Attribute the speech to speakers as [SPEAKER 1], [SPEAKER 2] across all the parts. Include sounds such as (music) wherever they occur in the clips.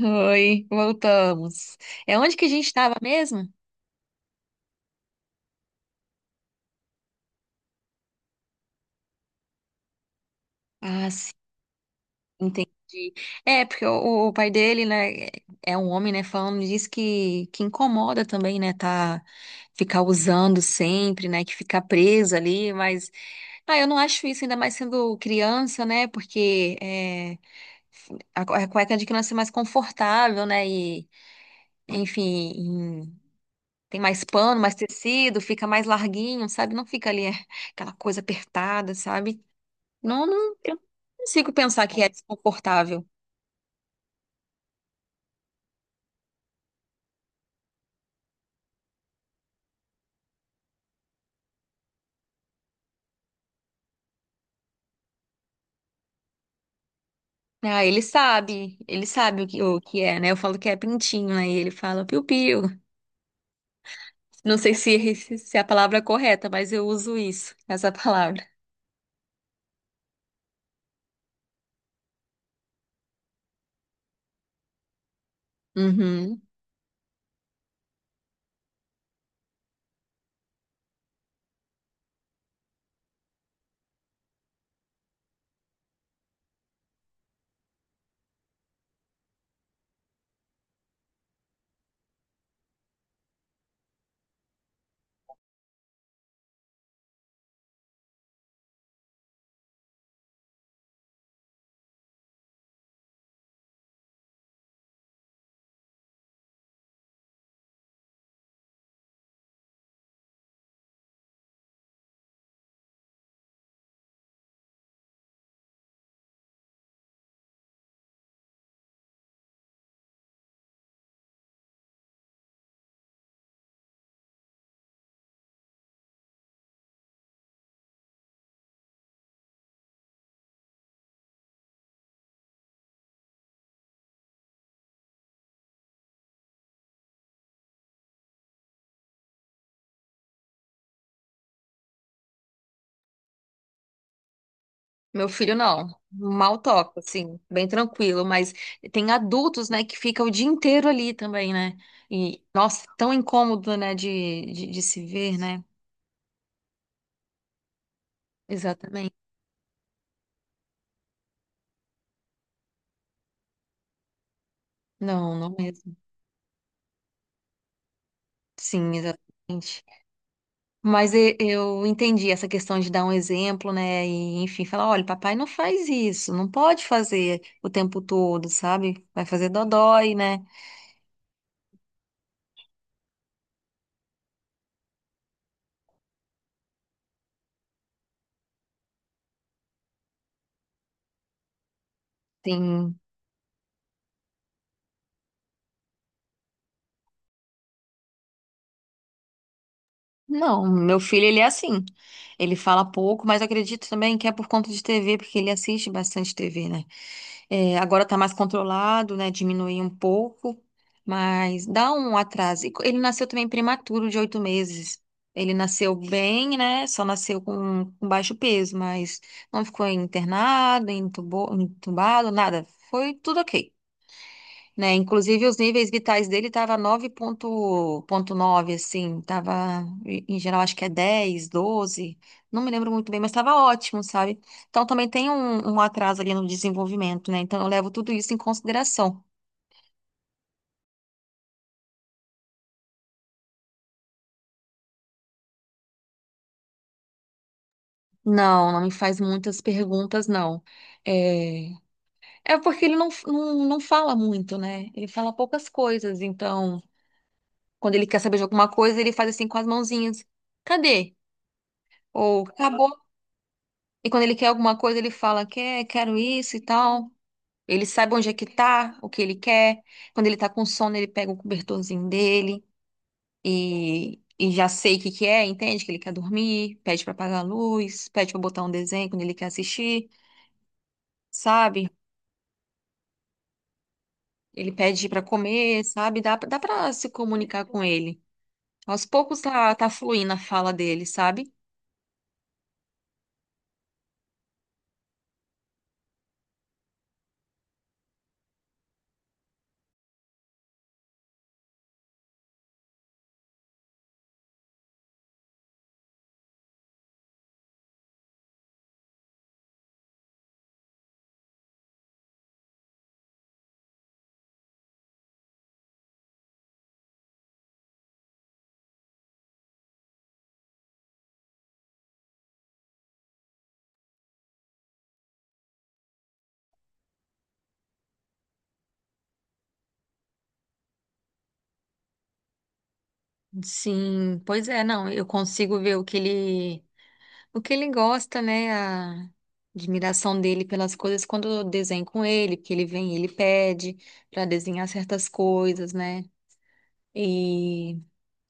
[SPEAKER 1] Oi, voltamos. É onde que a gente estava mesmo? Ah, sim, entendi. É, porque o pai dele, né, é um homem, né, falando disso que incomoda também, né, tá, ficar usando sempre, né, que ficar preso ali, mas, ah, eu não acho isso, ainda mais sendo criança, né, porque é, a cueca de criança é mais confortável, né, e, enfim, em- tem mais pano, mais tecido, fica mais larguinho, sabe, não fica ali é, aquela coisa apertada, sabe? Não, não, eu não consigo pensar que é desconfortável. Ah, ele sabe o que é, né? Eu falo que é pintinho, aí ele fala piu-piu. Não sei se, (laughs) se é a palavra é correta, mas eu uso isso, essa palavra. Uhum. Meu filho não, mal toca, assim, bem tranquilo, mas tem adultos, né, que ficam o dia inteiro ali também, né? E, nossa, tão incômodo, né, de se ver, né? Exatamente. Não, não mesmo. Sim, exatamente. Mas eu entendi essa questão de dar um exemplo, né? E, enfim, falar, olha, papai não faz isso, não pode fazer o tempo todo, sabe? Vai fazer dodói, né? Tem... Não, meu filho, ele é assim. Ele fala pouco, mas eu acredito também que é por conta de TV, porque ele assiste bastante TV, né? É, agora está mais controlado, né? Diminuiu um pouco, mas dá um atraso. E Ele nasceu também prematuro, de 8 meses. Ele nasceu bem, né? Só nasceu com baixo peso, mas não ficou internado, entubado, nada. Foi tudo ok, né? Inclusive, os níveis vitais dele tava 9,9, assim, tava, em geral, acho que é 10 12, não me lembro muito bem, mas estava ótimo, sabe? Então, também tem um atraso ali no desenvolvimento, né? Então, eu levo tudo isso em consideração. Não, não me faz muitas perguntas, não. É, é porque ele não fala muito, né? Ele fala poucas coisas, então, quando ele quer saber de alguma coisa, ele faz assim com as mãozinhas. Cadê? Ou acabou. E quando ele quer alguma coisa, ele fala, quero isso e tal. Ele sabe onde é que tá, o que ele quer. Quando ele tá com sono, ele pega o cobertorzinho dele e já sei o que que é, entende? Que ele quer dormir, pede pra apagar a luz, pede pra botar um desenho quando ele quer assistir, sabe? Ele pede pra comer, sabe? Dá pra se comunicar com ele. Aos poucos tá fluindo a fala dele, sabe? Sim, pois é, não, eu consigo ver o que ele gosta, né? A admiração dele pelas coisas quando eu desenho com ele, porque ele vem e ele pede para desenhar certas coisas, né? E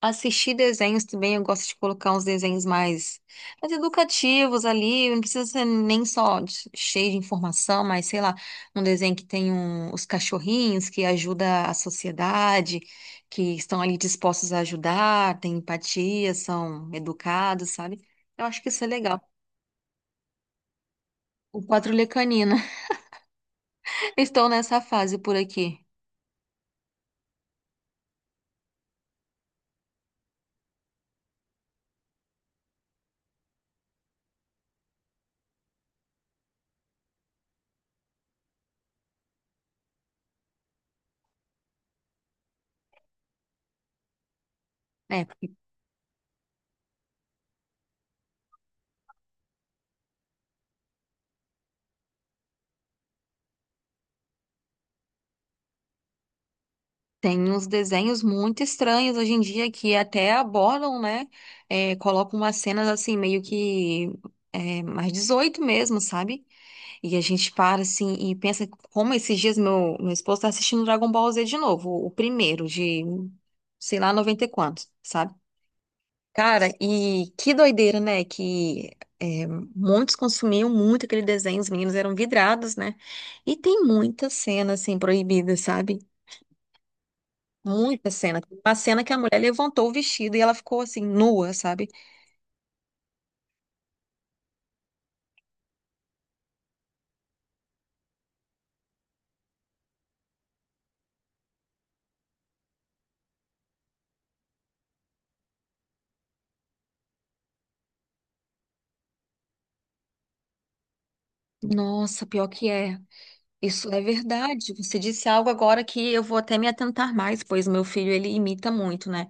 [SPEAKER 1] assistir desenhos também, eu gosto de colocar uns desenhos mais educativos ali, não precisa ser nem cheio de informação, mas sei lá, um desenho que tem os cachorrinhos que ajuda a sociedade, que estão ali dispostos a ajudar, têm empatia, são educados, sabe? Eu acho que isso é legal. O Patrulha Canina. (laughs) Estou nessa fase por aqui. É, tem uns desenhos muito estranhos hoje em dia que até abordam, né? É, colocam umas cenas assim, meio que é, mais 18 mesmo, sabe? E a gente para assim e pensa como esses dias meu esposo tá assistindo Dragon Ball Z de novo, o primeiro de, sei lá, 90 e quantos, sabe? Cara, e que doideira, né? Que é, muitos consumiam muito aquele desenho, os meninos eram vidrados, né? E tem muita cena, assim, proibida, sabe? Muita cena. Tem uma cena que a mulher levantou o vestido e ela ficou, assim, nua, sabe? Nossa, pior que é. Isso é verdade. Você disse algo agora que eu vou até me atentar mais, pois meu filho, ele imita muito, né?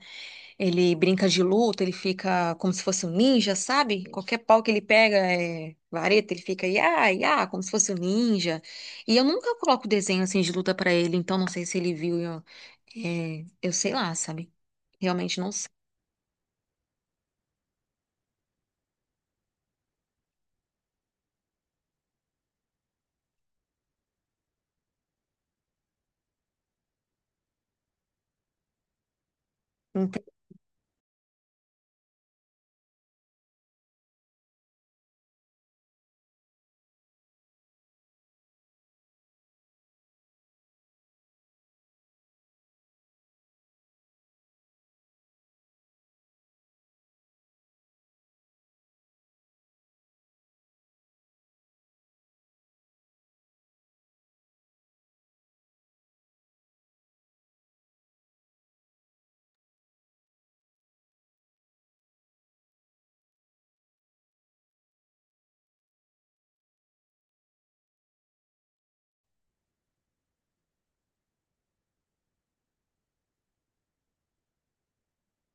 [SPEAKER 1] Ele brinca de luta, ele fica como se fosse um ninja, sabe? Qualquer pau que ele pega é vareta, ele fica ia, ia, como se fosse um ninja. E eu nunca coloco desenho assim de luta pra ele, então não sei se ele viu. Eu sei lá, sabe? Realmente não sei. Então,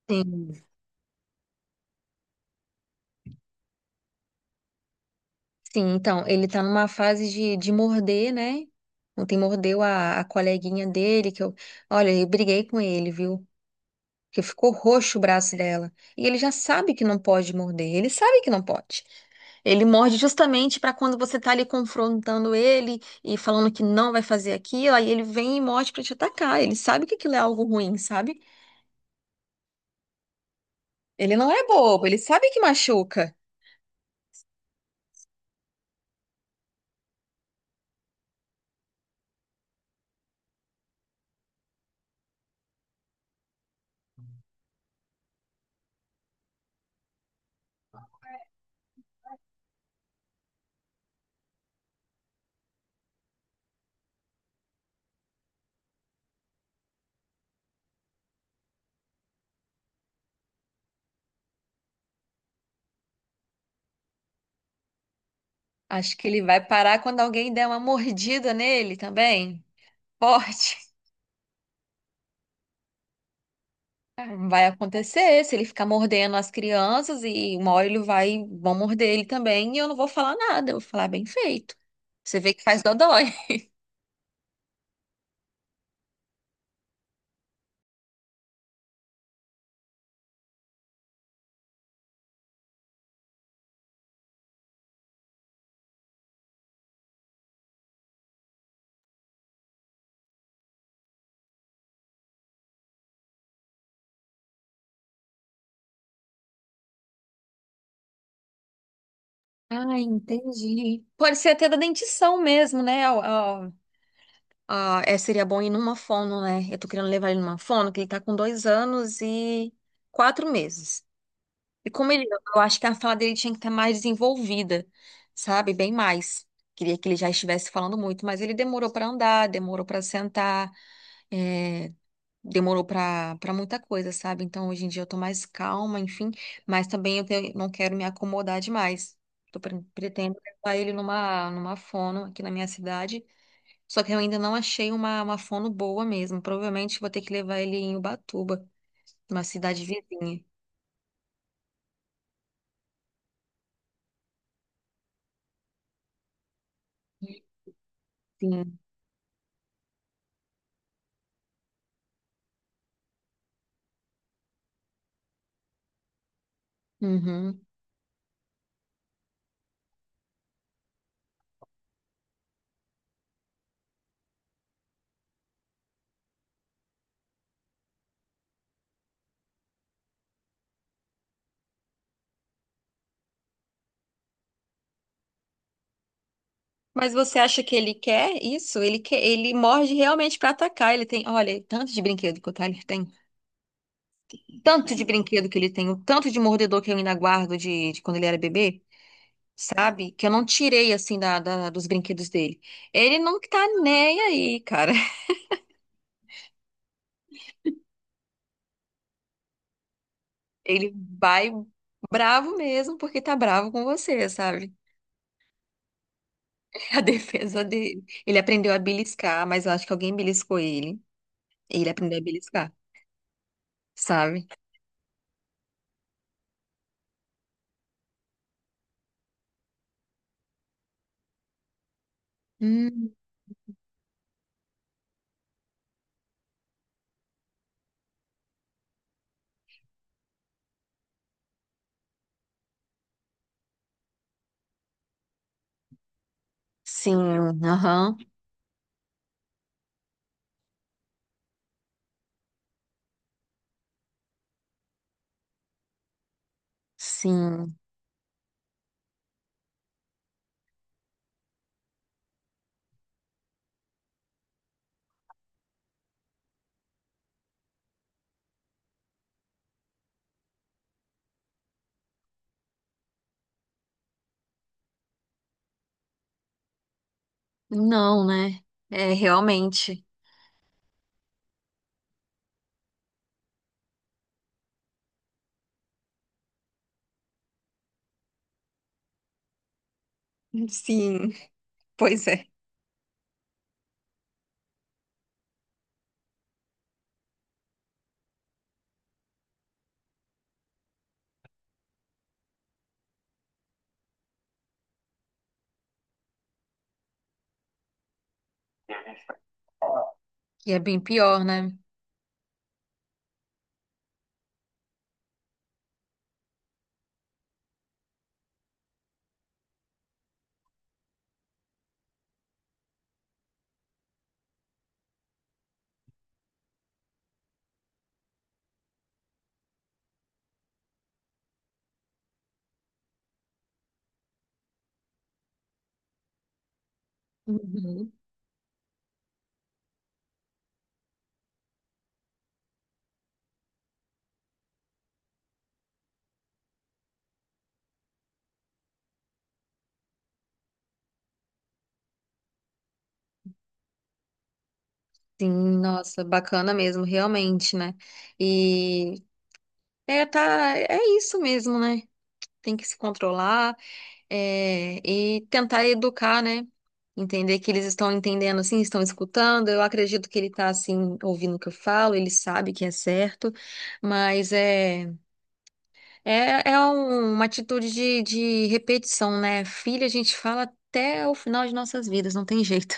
[SPEAKER 1] sim, sim, então, ele tá numa fase de morder, né? Ontem mordeu a coleguinha dele, que eu. Olha, eu briguei com ele, viu? Que ficou roxo o braço dela. E ele já sabe que não pode morder, ele sabe que não pode. Ele morde justamente para quando você tá ali confrontando ele e falando que não vai fazer aquilo, aí ele vem e morde para te atacar. Ele sabe que aquilo é algo ruim, sabe? Ele não é bobo, ele sabe que machuca. Acho que ele vai parar quando alguém der uma mordida nele também. Forte. Vai acontecer, se ele ficar mordendo as crianças e uma hora vão morder ele também e eu não vou falar nada, eu vou falar bem feito. Você vê que faz dodói. (laughs) Ah, entendi. Pode ser até da dentição mesmo, né? Seria bom ir numa fono, né? Eu tô querendo levar ele numa fono, que ele tá com 2 anos e 4 meses. E como ele, eu acho que a fala dele tinha que estar mais desenvolvida, sabe? Bem mais. Queria que ele já estivesse falando muito, mas ele demorou para andar, demorou para sentar. é, Demorou pra para muita coisa, sabe? Então hoje em dia eu tô mais calma, enfim, mas também eu não quero me acomodar demais. Tô pretendo levar ele numa fono aqui na minha cidade, só que eu ainda não achei uma fono boa mesmo. Provavelmente vou ter que levar ele em Ubatuba, uma cidade vizinha. Sim. Uhum. Mas você acha que ele quer isso? Ele quer, ele morde realmente pra atacar. Ele tem, olha, tanto de brinquedo que o Tyler tem. Tanto de brinquedo que ele tem, o tanto de mordedor que eu ainda guardo de quando ele era bebê, sabe? Que eu não tirei, assim, dos brinquedos dele. Ele não tá nem aí, cara. (laughs) Ele vai bravo mesmo porque tá bravo com você, sabe? (laughs) A defesa dele. Ele aprendeu a beliscar, mas eu acho que alguém beliscou ele. E ele aprendeu a beliscar, sabe? Hum, sim, aham, sim. Não, né? É, realmente. Sim, pois é. E é bem pior, né? Uhum. Sim, nossa, bacana mesmo, realmente, né? E é, tá, é isso mesmo, né? Tem que se controlar, e tentar educar, né? Entender que eles estão entendendo, assim, estão escutando. Eu acredito que ele está assim, ouvindo o que eu falo, ele sabe que é certo, mas uma atitude de repetição, né? Filho, a gente fala até o final de nossas vidas, não tem jeito.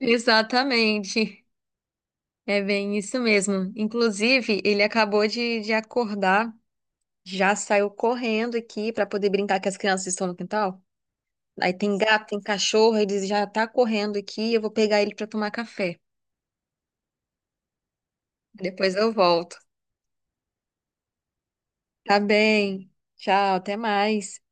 [SPEAKER 1] (laughs) Exatamente. É bem isso mesmo. Inclusive, ele acabou de acordar, já saiu correndo aqui para poder brincar que as crianças estão no quintal. Aí tem gato, tem cachorro, ele já tá correndo aqui, eu vou pegar ele para tomar café. Depois eu volto. Tá bem. Tchau, até mais.